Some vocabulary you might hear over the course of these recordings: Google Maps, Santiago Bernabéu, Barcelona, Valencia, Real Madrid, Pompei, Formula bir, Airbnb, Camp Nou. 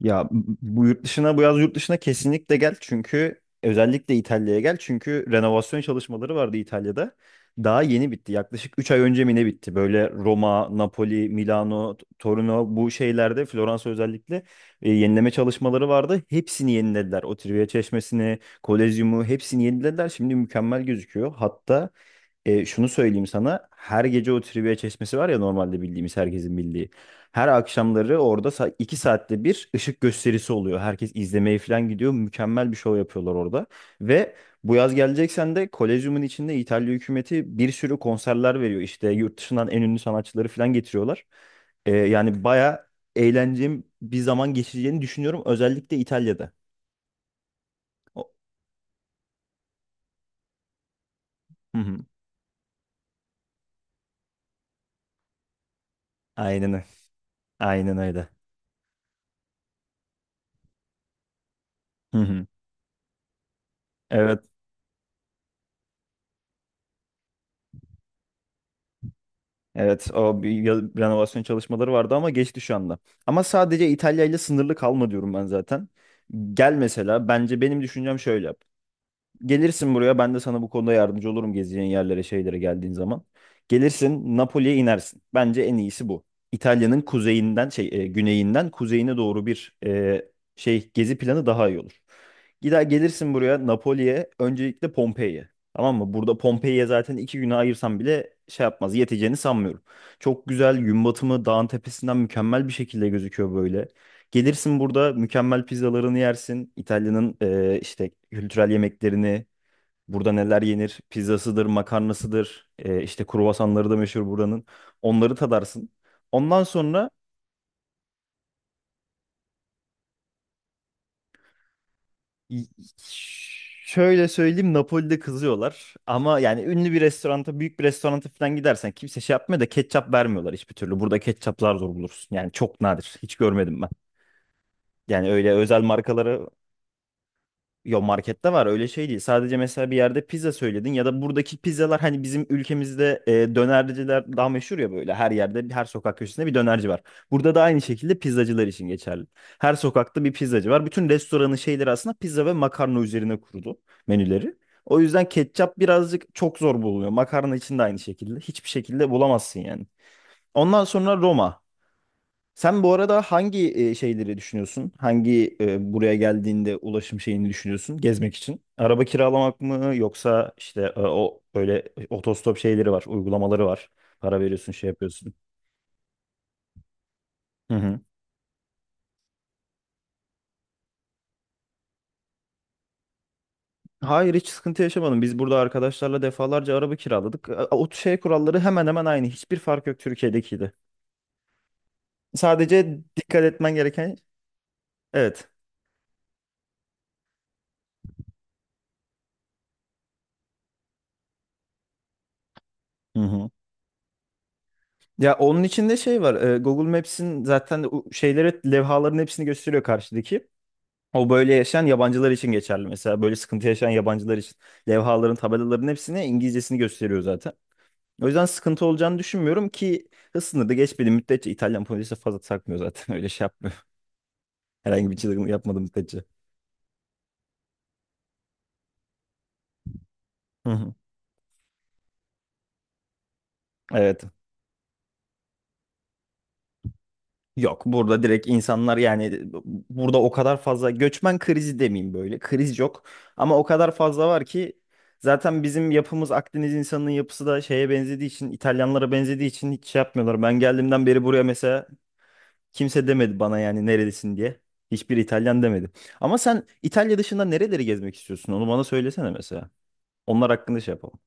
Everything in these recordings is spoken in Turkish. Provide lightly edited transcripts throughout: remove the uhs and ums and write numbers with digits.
Ya bu yaz yurt dışına kesinlikle gel çünkü özellikle İtalya'ya gel çünkü renovasyon çalışmaları vardı İtalya'da. Daha yeni bitti. Yaklaşık 3 ay önce mi ne bitti? Böyle Roma, Napoli, Milano, Torino bu şehirlerde Floransa özellikle yenileme çalışmaları vardı. Hepsini yenilediler. O Trivia Çeşmesi'ni, Kolezyumu hepsini yenilediler. Şimdi mükemmel gözüküyor. Hatta şunu söyleyeyim sana. Her gece o trivia çeşmesi var ya, normalde bildiğimiz, herkesin bildiği. Her akşamları orada 2 saatte bir ışık gösterisi oluyor. Herkes izlemeye falan gidiyor. Mükemmel bir şov yapıyorlar orada. Ve bu yaz geleceksen de Kolezyum'un içinde İtalya hükümeti bir sürü konserler veriyor. İşte yurt dışından en ünlü sanatçıları falan getiriyorlar. Yani baya eğlenceli bir zaman geçireceğini düşünüyorum. Özellikle İtalya'da. O- Hı hı. Aynen, aynen öyle. Hı hı. Evet. Evet, o bir renovasyon çalışmaları vardı ama geçti şu anda. Ama sadece İtalya ile sınırlı kalma diyorum ben zaten. Gel mesela, bence benim düşüncem şöyle yap. Gelirsin buraya, ben de sana bu konuda yardımcı olurum gezeceğin yerlere, şeylere geldiğin zaman. Gelirsin, Napoli'ye inersin. Bence en iyisi bu. İtalya'nın kuzeyinden, şey, güneyinden kuzeyine doğru bir şey gezi planı daha iyi olur. Gider gelirsin buraya Napoli'ye. Öncelikle Pompei'ye. Tamam mı? Burada Pompei'ye zaten 2 güne ayırsam bile şey yapmaz. Yeteceğini sanmıyorum. Çok güzel gün batımı dağın tepesinden mükemmel bir şekilde gözüküyor böyle. Gelirsin burada mükemmel pizzalarını yersin. İtalya'nın işte kültürel yemeklerini, burada neler yenir? Pizzasıdır, makarnasıdır. İşte kruvasanları da meşhur buranın. Onları tadarsın. Ondan sonra Y- şöyle söyleyeyim, Napoli'de kızıyorlar ama yani ünlü bir restoranta, büyük bir restoranta falan gidersen kimse şey yapmıyor da ketçap vermiyorlar hiçbir türlü. Burada ketçaplar zor bulursun yani, çok nadir, hiç görmedim ben. Yani öyle özel markaları. Yo, markette var, öyle şey değil. Sadece mesela bir yerde pizza söyledin ya da buradaki pizzalar, hani bizim ülkemizde dönerciler daha meşhur ya, böyle her yerde, her sokak köşesinde bir dönerci var. Burada da aynı şekilde pizzacılar için geçerli. Her sokakta bir pizzacı var. Bütün restoranın şeyleri aslında pizza ve makarna üzerine kurulu menüleri. O yüzden ketçap birazcık çok zor bulunuyor. Makarna için de aynı şekilde. Hiçbir şekilde bulamazsın yani. Ondan sonra Roma. Sen bu arada hangi şeyleri düşünüyorsun? Hangi buraya geldiğinde ulaşım şeyini düşünüyorsun gezmek için? Araba kiralamak mı yoksa işte o böyle otostop şeyleri var, uygulamaları var. Para veriyorsun, şey yapıyorsun. Hı hı. Hayır, hiç sıkıntı yaşamadım. Biz burada arkadaşlarla defalarca araba kiraladık. O şey kuralları hemen hemen aynı. Hiçbir fark yok Türkiye'dekiydi. Sadece dikkat etmen gereken, evet. Hı hı. Ya onun içinde şey var. Google Maps'in zaten o şeyleri, levhaların hepsini gösteriyor karşıdaki. O böyle yaşayan yabancılar için geçerli mesela. Böyle sıkıntı yaşayan yabancılar için. Levhaların, tabelaların hepsine İngilizcesini gösteriyor zaten. O yüzden sıkıntı olacağını düşünmüyorum, ki hız sınırı da geçmediği müddetçe İtalyan polisi fazla takmıyor zaten. Öyle şey yapmıyor. Herhangi bir çılgınlık yapmadığı müddetçe. Hı hı. Evet. Yok, burada direkt insanlar yani, burada o kadar fazla göçmen krizi demeyeyim böyle. Kriz yok. Ama o kadar fazla var ki zaten bizim yapımız, Akdeniz insanının yapısı da şeye benzediği için, İtalyanlara benzediği için hiç şey yapmıyorlar. Ben geldiğimden beri buraya mesela kimse demedi bana yani neredesin diye. Hiçbir İtalyan demedi. Ama sen İtalya dışında nereleri gezmek istiyorsun? Onu bana söylesene mesela. Onlar hakkında şey yapalım.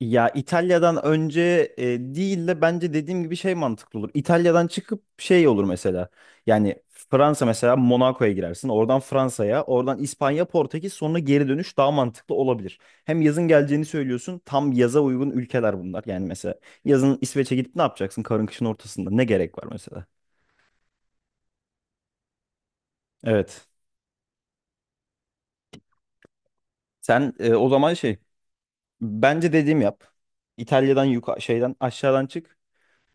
Ya İtalya'dan önce değil de bence dediğim gibi şey mantıklı olur. İtalya'dan çıkıp şey olur mesela. Yani Fransa mesela, Monaco'ya girersin. Oradan Fransa'ya, oradan İspanya, Portekiz, sonra geri dönüş daha mantıklı olabilir. Hem yazın geleceğini söylüyorsun. Tam yaza uygun ülkeler bunlar. Yani mesela yazın İsveç'e gidip ne yapacaksın? Karın kışın ortasında ne gerek var mesela? Evet. Sen o zaman şey, bence dediğim yap. İtalya'dan şeyden, aşağıdan çık.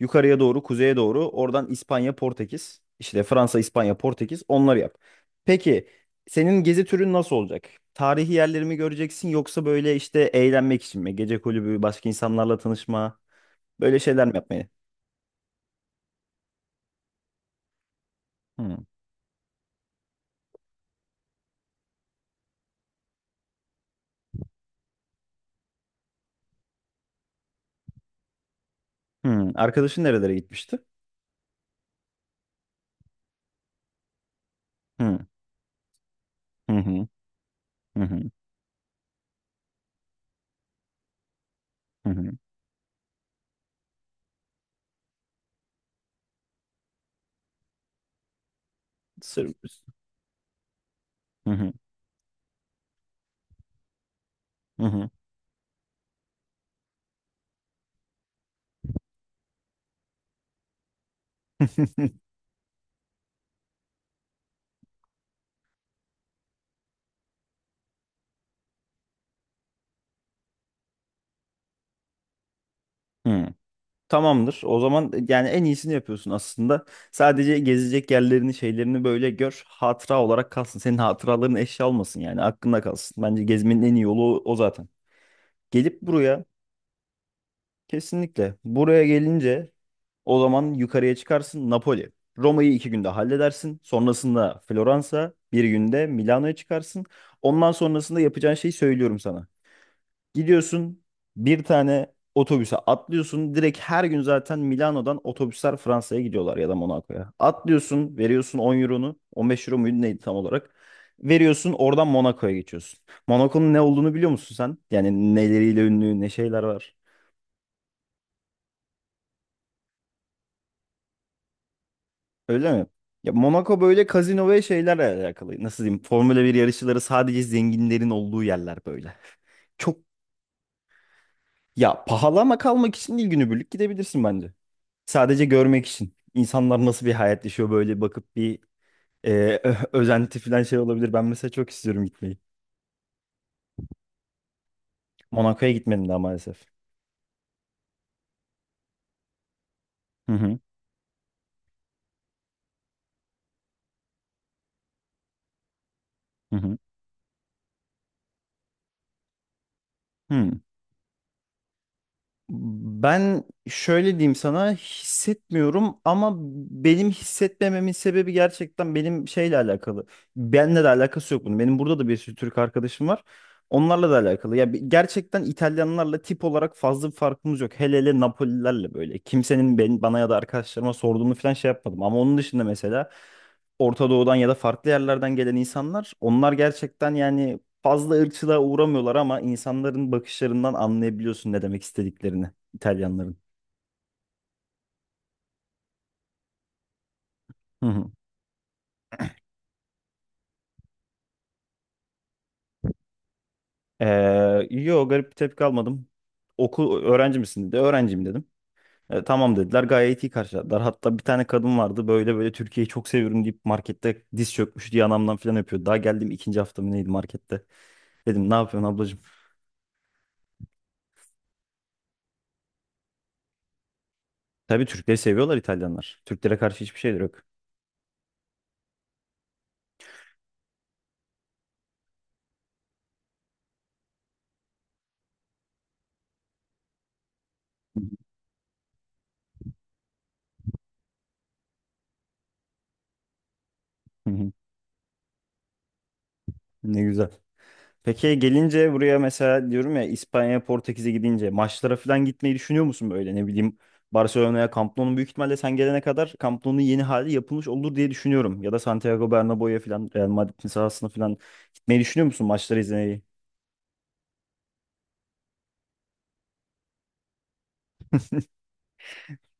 Yukarıya doğru, kuzeye doğru. Oradan İspanya, Portekiz. İşte Fransa, İspanya, Portekiz. Onları yap. Peki senin gezi türün nasıl olacak? Tarihi yerleri mi göreceksin, yoksa böyle işte eğlenmek için mi? Gece kulübü, başka insanlarla tanışma, böyle şeyler mi yapmayı? Hmm. Hmm. Arkadaşın nerelere gitmişti? Hmm. Hı hı. Hı hı. Hı hı. Sırp- Hı hı. Hı hı. Tamamdır. O zaman yani en iyisini yapıyorsun aslında. Sadece gezecek yerlerini, şeylerini böyle gör. Hatıra olarak kalsın. Senin hatıraların eşya olmasın yani. Aklında kalsın. Bence gezmenin en iyi yolu o, o zaten. Gelip buraya kesinlikle. Buraya gelince o zaman yukarıya çıkarsın, Napoli. Roma'yı 2 günde halledersin. Sonrasında Floransa, bir günde Milano'ya çıkarsın. Ondan sonrasında yapacağın şeyi söylüyorum sana. Gidiyorsun, bir tane otobüse atlıyorsun. Direkt her gün zaten Milano'dan otobüsler Fransa'ya gidiyorlar ya da Monaco'ya. Atlıyorsun, veriyorsun 10 euronu. 15 euro muydu neydi tam olarak. Veriyorsun, oradan Monaco'ya geçiyorsun. Monaco'nun ne olduğunu biliyor musun sen? Yani neleriyle ünlü, ne şeyler var. Öyle mi? Ya Monaco böyle kazino ve şeylerle alakalı. Nasıl diyeyim? Formula bir yarışçıları, sadece zenginlerin olduğu yerler böyle. Çok, ya pahalı, ama kalmak için değil, günübirlik gidebilirsin bence. Sadece görmek için. İnsanlar nasıl bir hayat yaşıyor, böyle bakıp bir e, özenti falan şey olabilir. Ben mesela çok istiyorum gitmeyi. Monaco'ya gitmedim daha maalesef. Hı hı. Hı hı. Hı. Ben şöyle diyeyim sana, hissetmiyorum ama benim hissetmememin sebebi gerçekten benim şeyle alakalı. Benle de alakası yok bunun. Benim burada da bir sürü Türk arkadaşım var. Onlarla da alakalı. Ya gerçekten İtalyanlarla tip olarak fazla bir farkımız yok. Hele hele Napolilerle böyle. Kimsenin ben, bana ya da arkadaşlarıma sorduğunu falan şey yapmadım. Ama onun dışında mesela Orta Doğu'dan ya da farklı yerlerden gelen insanlar, onlar gerçekten yani fazla ırkçılığa uğramıyorlar, ama insanların bakışlarından anlayabiliyorsun ne demek istediklerini, İtalyanların. Hı hı. Yo, garip bir tepki almadım. Okul, öğrenci misin dedi. Öğrenciyim dedim. Tamam" dediler. Gayet iyi karşıladılar. Hatta bir tane kadın vardı, böyle böyle "Türkiye'yi çok seviyorum" deyip markette diz çökmüş diye anamdan falan öpüyordu. Daha geldim ikinci haftamı neydi markette. Dedim ne yapıyorsun ablacığım? Tabii Türkleri seviyorlar İtalyanlar. Türklere karşı hiçbir şeyleri yok. Hı hı. Ne güzel. Peki gelince buraya mesela, diyorum ya, İspanya, Portekiz'e gidince maçlara falan gitmeyi düşünüyor musun, böyle ne bileyim, Barcelona'ya, Camp Nou'nun büyük ihtimalle sen gelene kadar Camp Nou'nun yeni hali yapılmış olur diye düşünüyorum. Ya da Santiago Bernabéu'ya falan, Real Madrid'in sahasına falan gitmeyi düşünüyor musun maçları izlemeyi?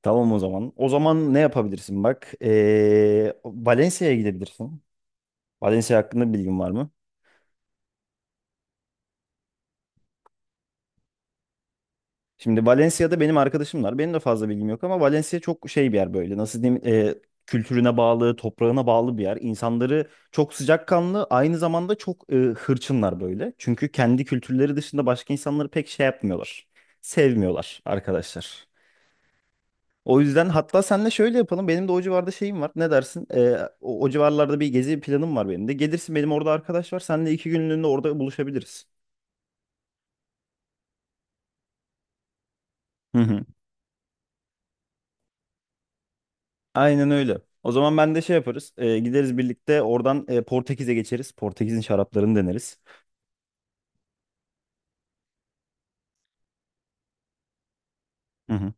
Tamam, o zaman. O zaman ne yapabilirsin bak? Valencia'ya gidebilirsin. Valencia hakkında bilgin var mı? Şimdi Valencia'da benim arkadaşımlar. Benim de fazla bilgim yok ama Valencia çok şey bir yer böyle. Nasıl diyeyim? Kültürüne bağlı, toprağına bağlı bir yer. İnsanları çok sıcakkanlı, aynı zamanda çok hırçınlar böyle. Çünkü kendi kültürleri dışında başka insanları pek şey yapmıyorlar. Sevmiyorlar arkadaşlar. O yüzden hatta senle şöyle yapalım. Benim de o civarda şeyim var. Ne dersin? O civarlarda bir gezi planım var benim de. Gelirsin, benim orada arkadaş var. Seninle 2 günlüğüne orada buluşabiliriz. Hı hı. Aynen öyle. O zaman ben de şey yaparız. Gideriz birlikte oradan Portekiz'e geçeriz. Portekiz'in şaraplarını deneriz. Hı hı.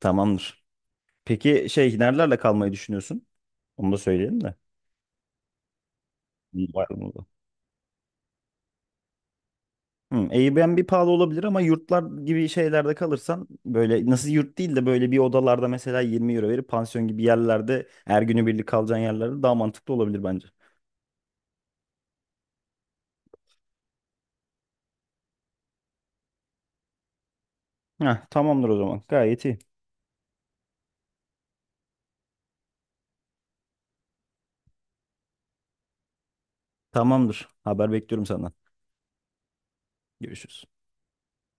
Tamamdır. Peki şey, nerelerle kalmayı düşünüyorsun? Onu da söyleyelim de. İyi bakalım o. Hı, Airbnb pahalı olabilir, ama yurtlar gibi şeylerde kalırsan, böyle nasıl, yurt değil de böyle bir odalarda mesela 20 euro verip pansiyon gibi yerlerde, her günü birlik kalacağın yerlerde daha mantıklı olabilir bence. Heh, tamamdır o zaman. Gayet iyi. Tamamdır. Haber bekliyorum senden. Görüşürüz.